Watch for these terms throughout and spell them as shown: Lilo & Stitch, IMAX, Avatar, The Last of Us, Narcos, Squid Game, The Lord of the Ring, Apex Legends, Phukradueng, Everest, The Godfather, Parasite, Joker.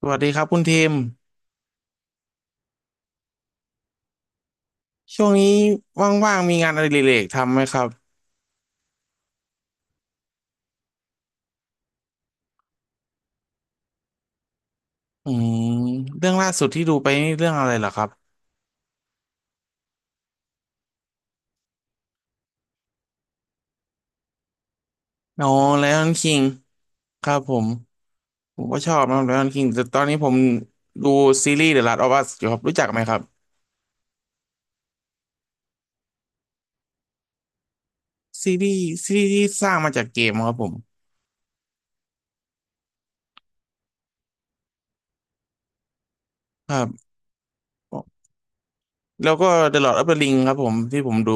สวัสดีครับคุณทีมช่วงนี้ว่างๆมีงานอดิเรกทำไหมครับอืมเรื่องล่าสุดที่ดูไปนี่เรื่องอะไรเหรอครับอ๋อไลออนคิงครับผมผมก็ชอบนะไลออนคิงแต่ตอนนี้ผมดูซีรีส์ The Last of Us อยู่ครับรู้จักไหมครับซีรีส์ที่สร้างมาจากเกมครับผมครับแล้วก็ The Lord of the Ring ครับผมที่ผมดู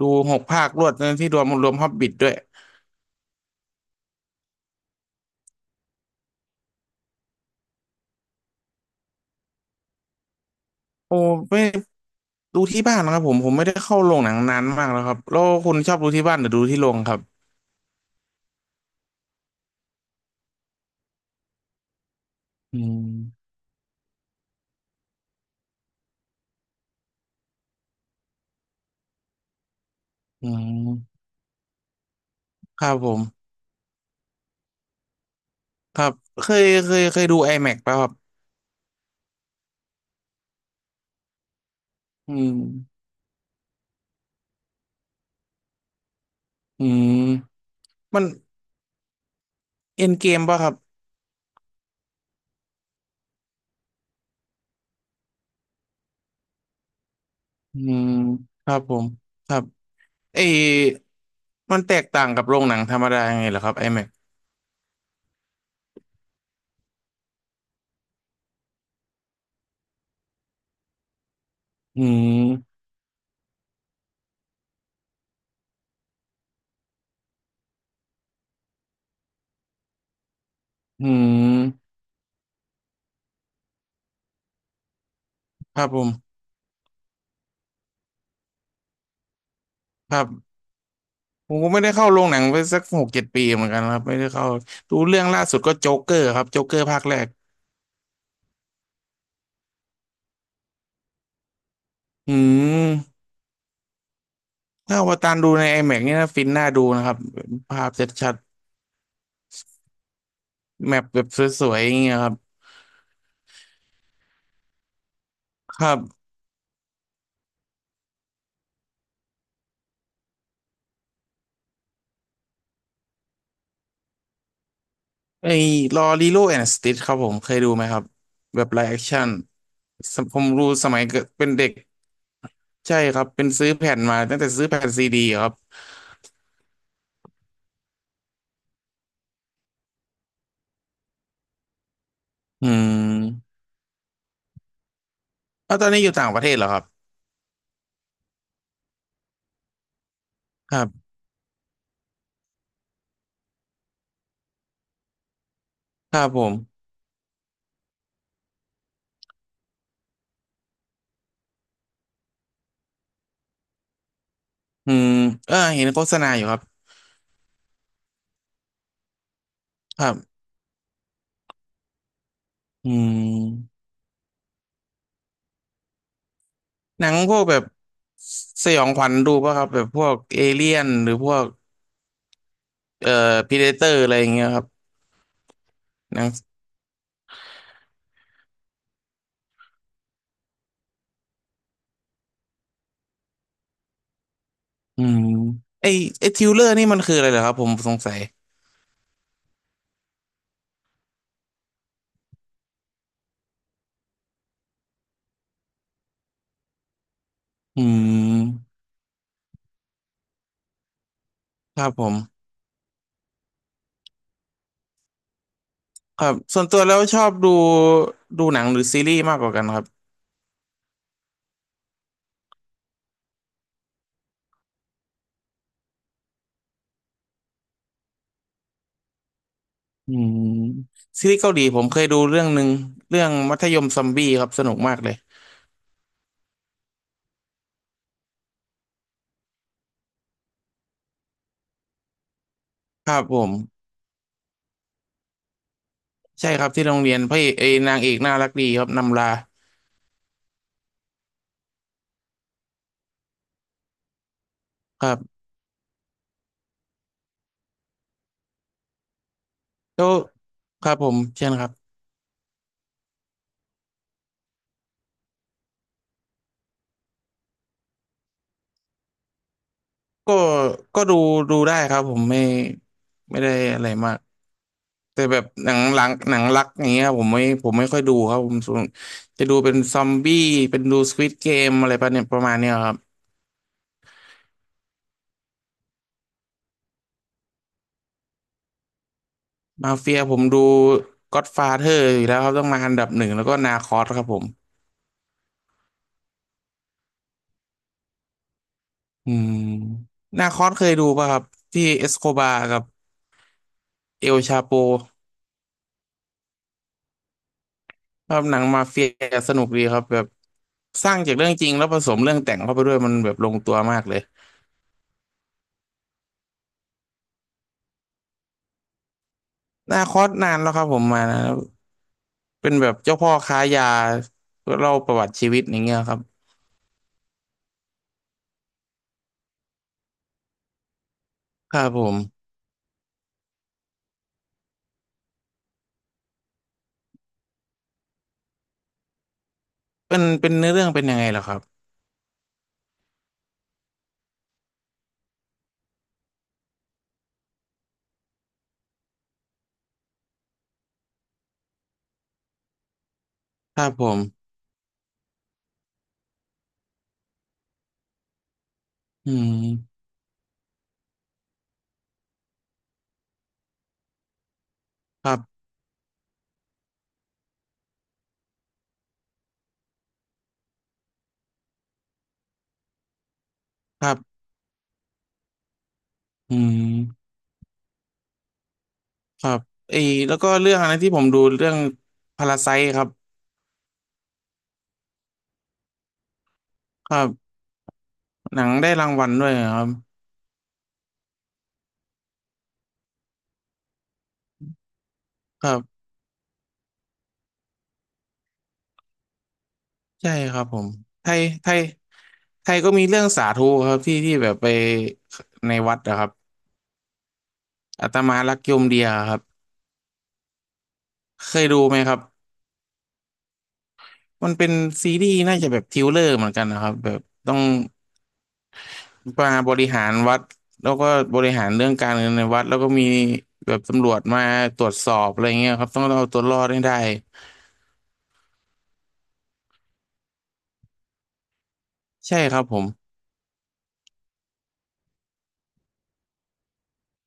ดูหกภาครวดนะที่รวม h o b บิ t ด้วยโอ้ไม่ ดูที่บ้านนะครับผมไม่ได้เข้าโรงหนังนานมากแล้วครับแล้วคุณชอบดูที่บ้านหรือดูที่โรงครับอืมอืมครับผมครับเคยดู IMAX ป่ะครับอืมอืมมันเอ็นเกมป่ะครับอืมครับผมครับเออมันแตกต่างกับโรงหนังธรรมดายังไงเหรอครับ IMAX อแม็กซ์อืมอืมครับผมครับผมก็ไม่ได้เข้าโรงหนังไปสักหกเจ็ดปีเหมือนกันครับไม่ได้เข้าดูเรื่องล่าสุดก็โจ๊กเกอร์ครับโจ๊กเกอร์ภาคแรกอืม ถ้าอวตารดูใน IMAX เนี่นะฟินน่าดูนะครับภาพชัดๆแมปแบบสวยๆอย่างเงี้ยครับครับไอ้ลอรีโลแอนด์สติทครับผมเคยดูไหมครับแบบไลฟ์แอคชั่นผมดูสมัยเกิดเป็นเด็กใช่ครับเป็นซื้อแผ่นมาตั้งแต่ซื้อแผ่นซีดีครับอืมแล้วตอนนี้อยู่ต่างประเทศเหรอครับครับครับผมอืมเออเห็นโฆษณาอยู่ครับครับอืมหนังพวกแบบสยองขวัญดูป่ะครับแบบพวกเอเลี่ยนหรือพวกเอ่อพีเดเตอร์อะไรอย่างเงี้ยครับ นังอืมไอไอทิวเลอร์นี่มันคืออะไรเหรอครับผมสงสัยอืมครับผมครับส่วนตัวแล้วชอบดูหนังหรือซีรีส์มากกว่ากันครับอืมซีรีส์เกาหลีผมเคยดูเรื่องหนึ่งเรื่องมัธยมซอมบี้ครับสนุกมากเลย ครับผมใช่ครับที่โรงเรียนพระเอกเอยนางเอกน่ารักดีครับนำลาครับแล้วครับผมเช่นครับก็ก็ดูได้ครับผมไม่ได้อะไรมาก แต่แบบหนังรักอย่างเงี้ยผมไม่ค่อยดูครับผมส่วนจะดูเป็นซอมบี้เป็นดูสควิดเกมอะไรประเนี่ยประมาณเนี้ยครับมาเฟียผมดูก็อดฟาเธอร์อยู่แล้วครับต้องมาอันดับหนึ่งแล้วก็นาคอสครับผมอืมนาคอสเคยดูป่ะครับที่เอสโคบาร์กับเอลชาโปครับหนังมาเฟียสนุกดีครับแบบสร้างจากเรื่องจริงแล้วผสมเรื่องแต่งเข้าไปด้วยมันแบบลงตัวมากเลยนาคอสนานแล้วครับผมมานะเป็นแบบเจ้าพ่อค้ายาเล่าประวัติชีวิตอย่างเงี้ยครับ ครับผมเป็นเนื้อเรื่องเป็นยังไงเหรอครับครับผมอืมครับครับอืมครับไอ้แล้วก็เรื่องอะไรที่ผมดูเรื่องพาราไซครับครับ หนังได้รางวัลด้วยครับ ครับ ใช่ครับผมไทยไทยไทยก็มีเรื่องสาธุครับที่แบบไปในวัดนะครับอาตมารักโยมเดียครับเคยดูไหมครับมันเป็นซีรีส์น่าจะแบบทริลเลอร์เหมือนกันนะครับแบบต้อง มาบริหารวัดแล้วก็บริหารเรื่องการเงินในวัดแล้วก็มีแบบตำรวจมาตรวจสอบอะไรเงี้ยครับต้องเอาตัวรอดให้ได้ใช่ครับผม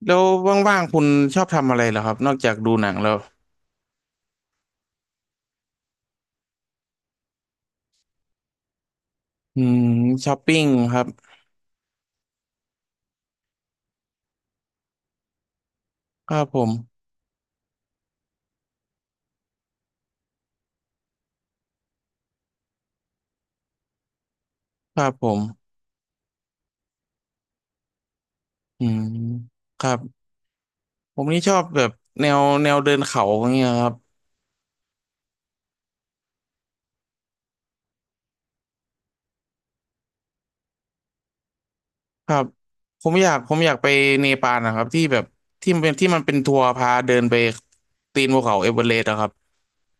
แล้วว่างๆคุณชอบทำอะไรเหรอครับนอกจากดูหนังแล้วอืมช้อปปิ้งครับครับผมครับผมอืมครับผมนี่ชอบแบบแนวเดินเขาอย่างเงี้ยครับครับผมอยากไปเนปาลนะครับที่แบบที่มันเป็นทัวร์พาเดินไปตีนภูเขาเอเวอเรสต์อะครับ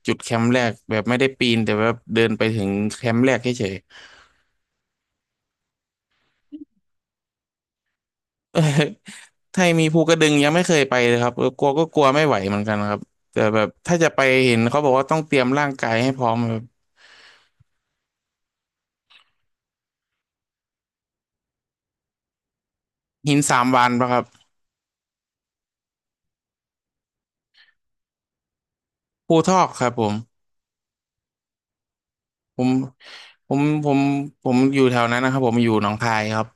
จุดแคมป์แรกแบบไม่ได้ปีนแต่แบบเดินไปถึงแคมป์แรกเฉยๆ เออไทยมีภูกระดึงยังไม่เคยไปเลยครับเออกลัวไม่ไหวเหมือนกันครับแต่แบบถ้าจะไปเห็นเขาบอกว่าต้องเตรียมร่างกายให้พร้อมแบบหินสามวานปะครับภูทอกครับผมผมผมผมอยู่แถวนั้นนะครับผมอยู่หนองคายครับ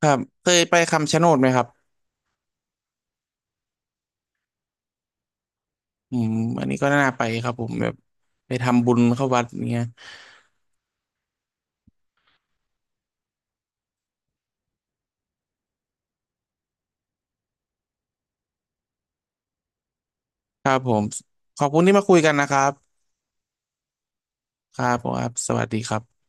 ครับเคยไปคำชะโนดไหมครับอืมอันนี้ก็น่าไปครับผมแบบไปทำบุญเข้าวัดเงี้ยครับผมขอบคุณที่มาคุยกันนะครับครับผมครับสวัสดีครับ